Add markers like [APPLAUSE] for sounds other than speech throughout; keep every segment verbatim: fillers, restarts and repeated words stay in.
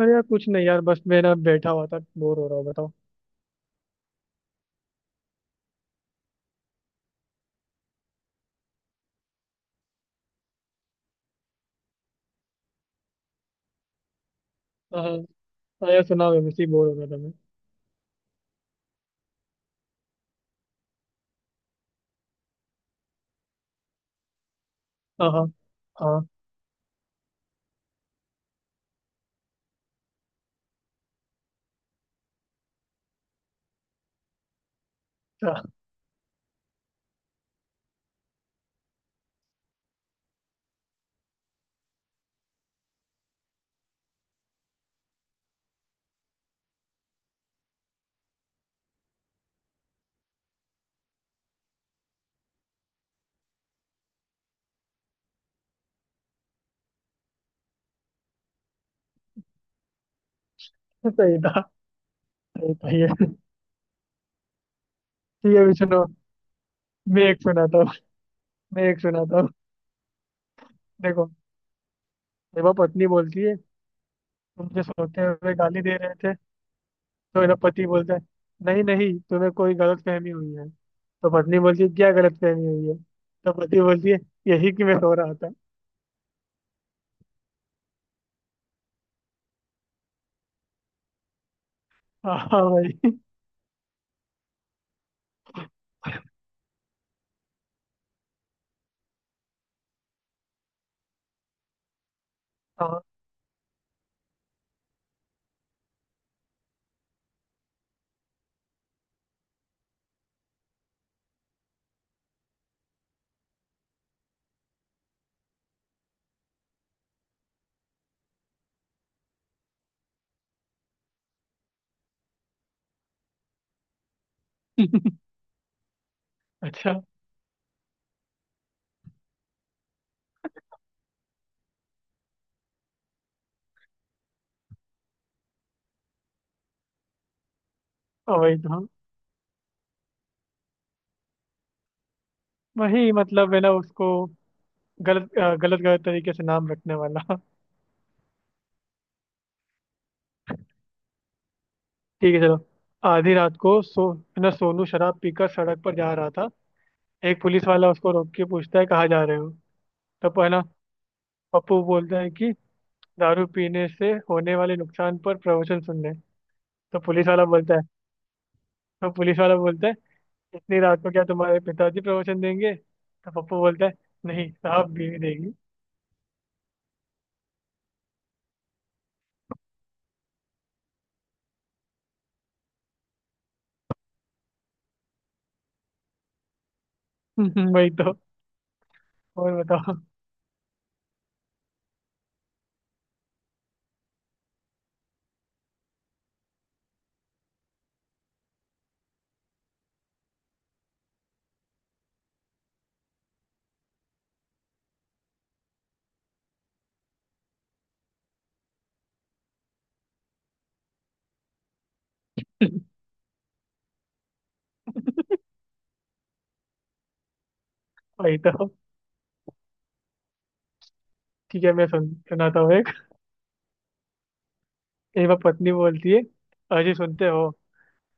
अरे यार, कुछ नहीं यार। बस मैं ना बैठा हुआ था, बोर हो रहा हूँ, बताओ। हाँ। हाँ यार सुना, मैं वैसे ही बोर हो रहा था मैं। हाँ हाँ हाँ। हाँ, सही था। सही था ये। ठीक है, भी सुनो। मैं एक सुनाता हूँ। मैं एक सुनाता हूँ देखो, देवा पत्नी बोलती है, तुम जो सोते हुए गाली दे रहे थे। तो मेरा पति बोलता है, नहीं नहीं, तुम्हें कोई गलत फहमी हुई है। तो पत्नी बोलती है, क्या गलत फहमी हुई है? तो पति बोलती है, यही कि मैं सो रहा था। हाँ हाँ, वही। हाँ। अच्छा। हाँ, वही तो। हाँ, वही मतलब है ना उसको। गलत अ, गलत गलत तरीके से नाम रखने वाला। ठीक है चलो। आधी रात को सो है ना, सोनू शराब पीकर सड़क पर जा रहा था। एक पुलिस वाला उसको रोक के पूछता है, कहाँ जा रहे हो? तब है ना पप्पू बोलता है कि दारू पीने से होने वाले नुकसान पर प्रवचन सुनने। तो पुलिस वाला बोलता है। तो पुलिस वाला बोलता है, इतनी रात को क्या तुम्हारे पिताजी प्रवचन देंगे? तो पप्पू बोलता है, नहीं साहब, बीवी देगी। [LAUGHS] वही तो। और बताओ। [LAUGHS] वही तो। ठीक है, मैं सुन सुनाता हूँ एक। एक बार पत्नी बोलती है, अजी सुनते हो,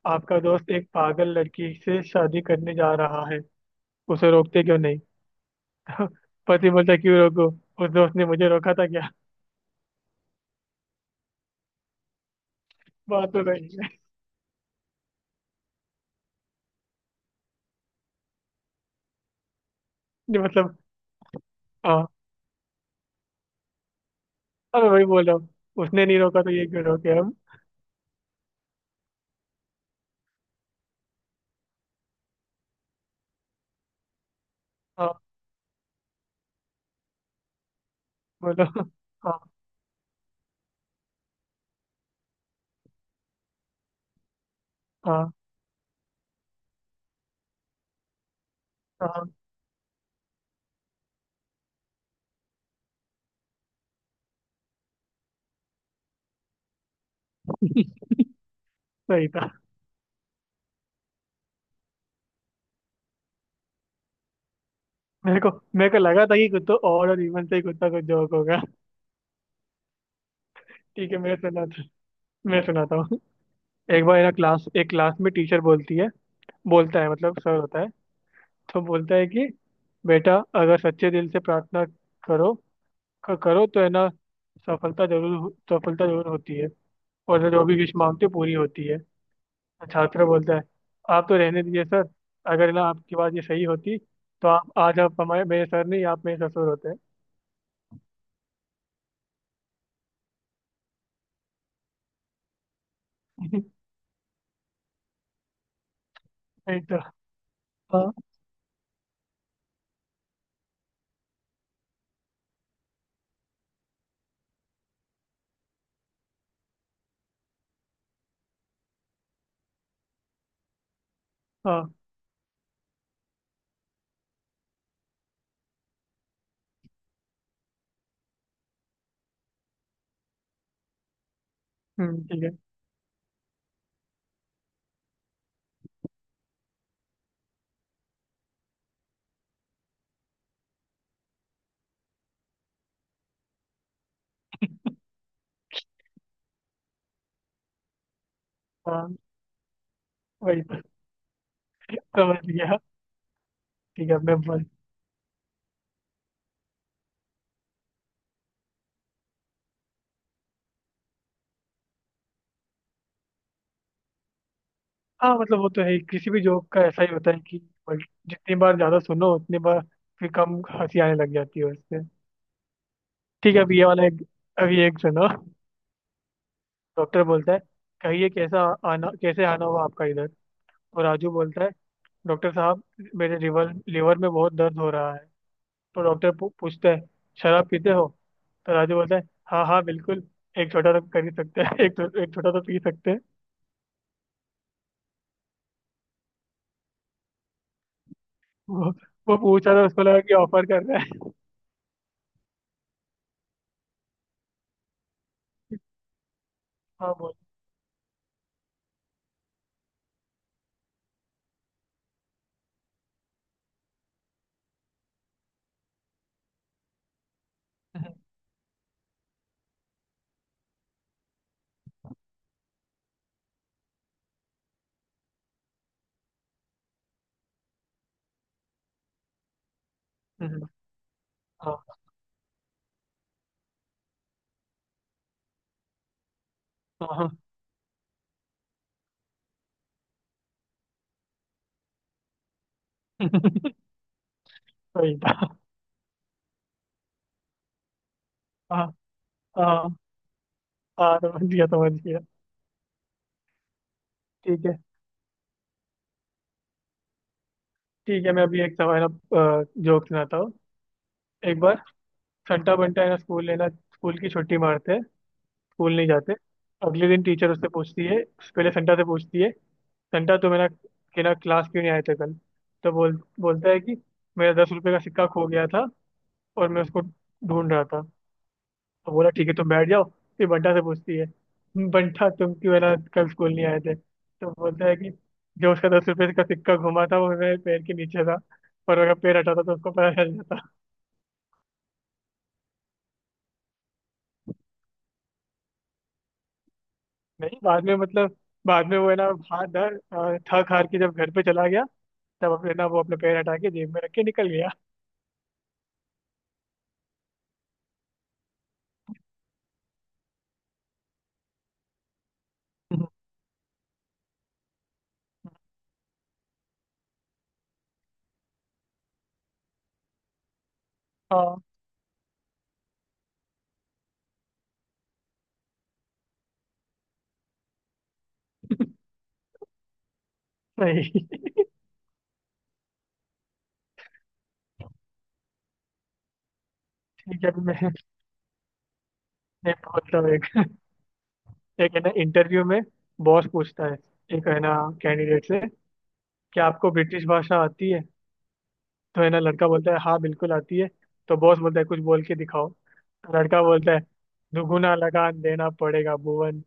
आपका दोस्त एक पागल लड़की से शादी करने जा रहा है, उसे रोकते क्यों नहीं? [LAUGHS] पति बोलता, क्यों रोको? उस दोस्त ने मुझे रोका था क्या? [LAUGHS] बात हो रही है। [LAUGHS] नहीं मतलब। हाँ। अब वही बोल रहा हूँ। उसने नहीं रोका तो ये क्यों रोके हम। हाँ बोलो। [LAUGHS] हाँ। हाँ। हाँ। सही था। मेरे को, मेरे को लगा था कि कुत्तों और और इवन से ही कुत्ता कुछ जोक होगा। ठीक है मैं सुनाता मैं सुनाता हूँ। एक बार ना क्लास एक क्लास में टीचर बोलती है, बोलता है मतलब सर होता है। तो बोलता है कि बेटा, अगर सच्चे दिल से प्रार्थना करो, क- करो तो है ना सफलता जरूर हो- सफलता जरूर होती है और जो भी विश मांगते हो, पूरी होती है। छात्र बोलता है, आप तो रहने दीजिए सर। अगर ना आपकी बात ये सही होती तो आप आज, आप हमारे मेरे सर नहीं, आप मेरे ससुर होते हैं। [LAUGHS] नहीं तो। हाँ हाँ। हम्म, ठीक है। हाँ वही तो, समझ गया। ठीक है अब मैं। हाँ मतलब वो तो है ही, किसी भी जॉब का ऐसा ही होता है कि मल्ट- जितनी बार ज्यादा सुनो उतनी बार फिर कम हंसी आने लग जाती है उससे। ठीक है, अभी ये वाला एक, अभी एक सुनो। डॉक्टर बोलता है, कहिए कैसा आना कैसे आना हुआ आपका इधर? तो राजू बोलता है, डॉक्टर साहब, मेरे रिवर लिवर में बहुत दर्द हो रहा है। तो डॉक्टर पू, पूछता है, शराब पीते हो? तो राजू बोलता है, हाँ हाँ बिल्कुल, एक छोटा तो कर ही सकते हैं, एक तो, एक छोटा तो पी सकते हैं। वो वो पूछा था, उसको लगा कि ऑफर कर रहा है। हाँ बोल। [LAUGHS] हम्म, हम्म, हाँ हाँ सही था। हाँ हाँ, हाँ समझ गया, समझ गया। ठीक है, ठीक है, मैं अभी एक सवाल, अब जोक सुनाता हूँ। एक बार संटा बंटा है ना, स्कूल लेना स्कूल की छुट्टी मारते हैं, स्कूल नहीं जाते। अगले दिन टीचर उससे पूछती है, पहले संटा से पूछती है, संटा तुम है ना कि ना क्लास क्यों नहीं आए थे कल? तो बोल बोलता है कि मेरा दस रुपये का सिक्का खो गया था और मैं उसको ढूंढ रहा था। तो बोला ठीक है, तुम बैठ जाओ। फिर बंटा से पूछती है, बंटा तुम क्यों है ना कल स्कूल नहीं आए थे? तो बोलता है कि जो उसका दस रुपए का सिक्का घुमा था वो मेरे पैर के नीचे था, पर अगर पैर हटाता तो उसको पता चल जाता। नहीं बाद में मतलब, बाद में वो है ना, हार डर अ, थक हार के जब घर पे चला गया, तब अपने ना वो अपने पैर हटा के जेब में रख के निकल गया। हाँ सही। ठीक है अभी मैं मैं बोलता हूँ एक। एक है ना, इंटरव्यू में बॉस पूछता है, एक है ना कैंडिडेट से, क्या आपको ब्रिटिश भाषा आती है? तो है ना लड़का बोलता है, हाँ बिल्कुल आती है। तो बॉस बोलता है, कुछ बोल के दिखाओ। तो लड़का बोलता है, दुगुना लगान देना पड़ेगा भुवन।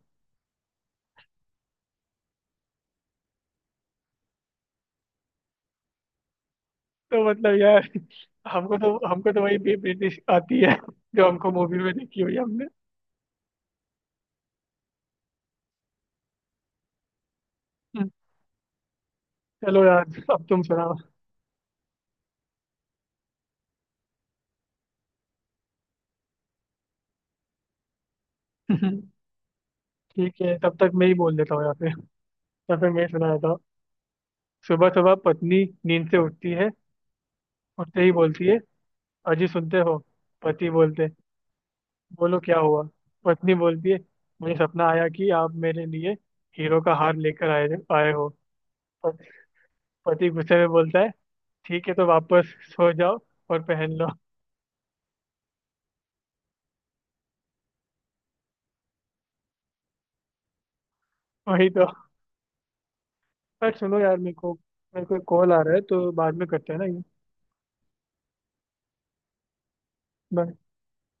तो मतलब यार, हमको तो हमको तो वही भी ब्रिटिश आती है जो हमको मूवी में देखी हुई है हमने। हम्म, चलो यार। अब तुम सुनाओ। ठीक है, तब तक मैं ही बोल देता हूँ, या फिर, या फिर मैं ही सुना देता हूँ। सुबह सुबह पत्नी नींद से उठती है, उठते ही बोलती है, अजी सुनते हो? पति बोलते, बोलो क्या हुआ? पत्नी बोलती है, मुझे सपना आया कि आप मेरे लिए हीरो का हार लेकर आए आए हो। पति पति गुस्से में बोलता है, ठीक है तो वापस सो जाओ और पहन लो। [LAUGHS] वही तो। पर सुनो यार, मेरे को मेरे को कॉल आ रहा है तो बाद में करते हैं ना ये। Bye.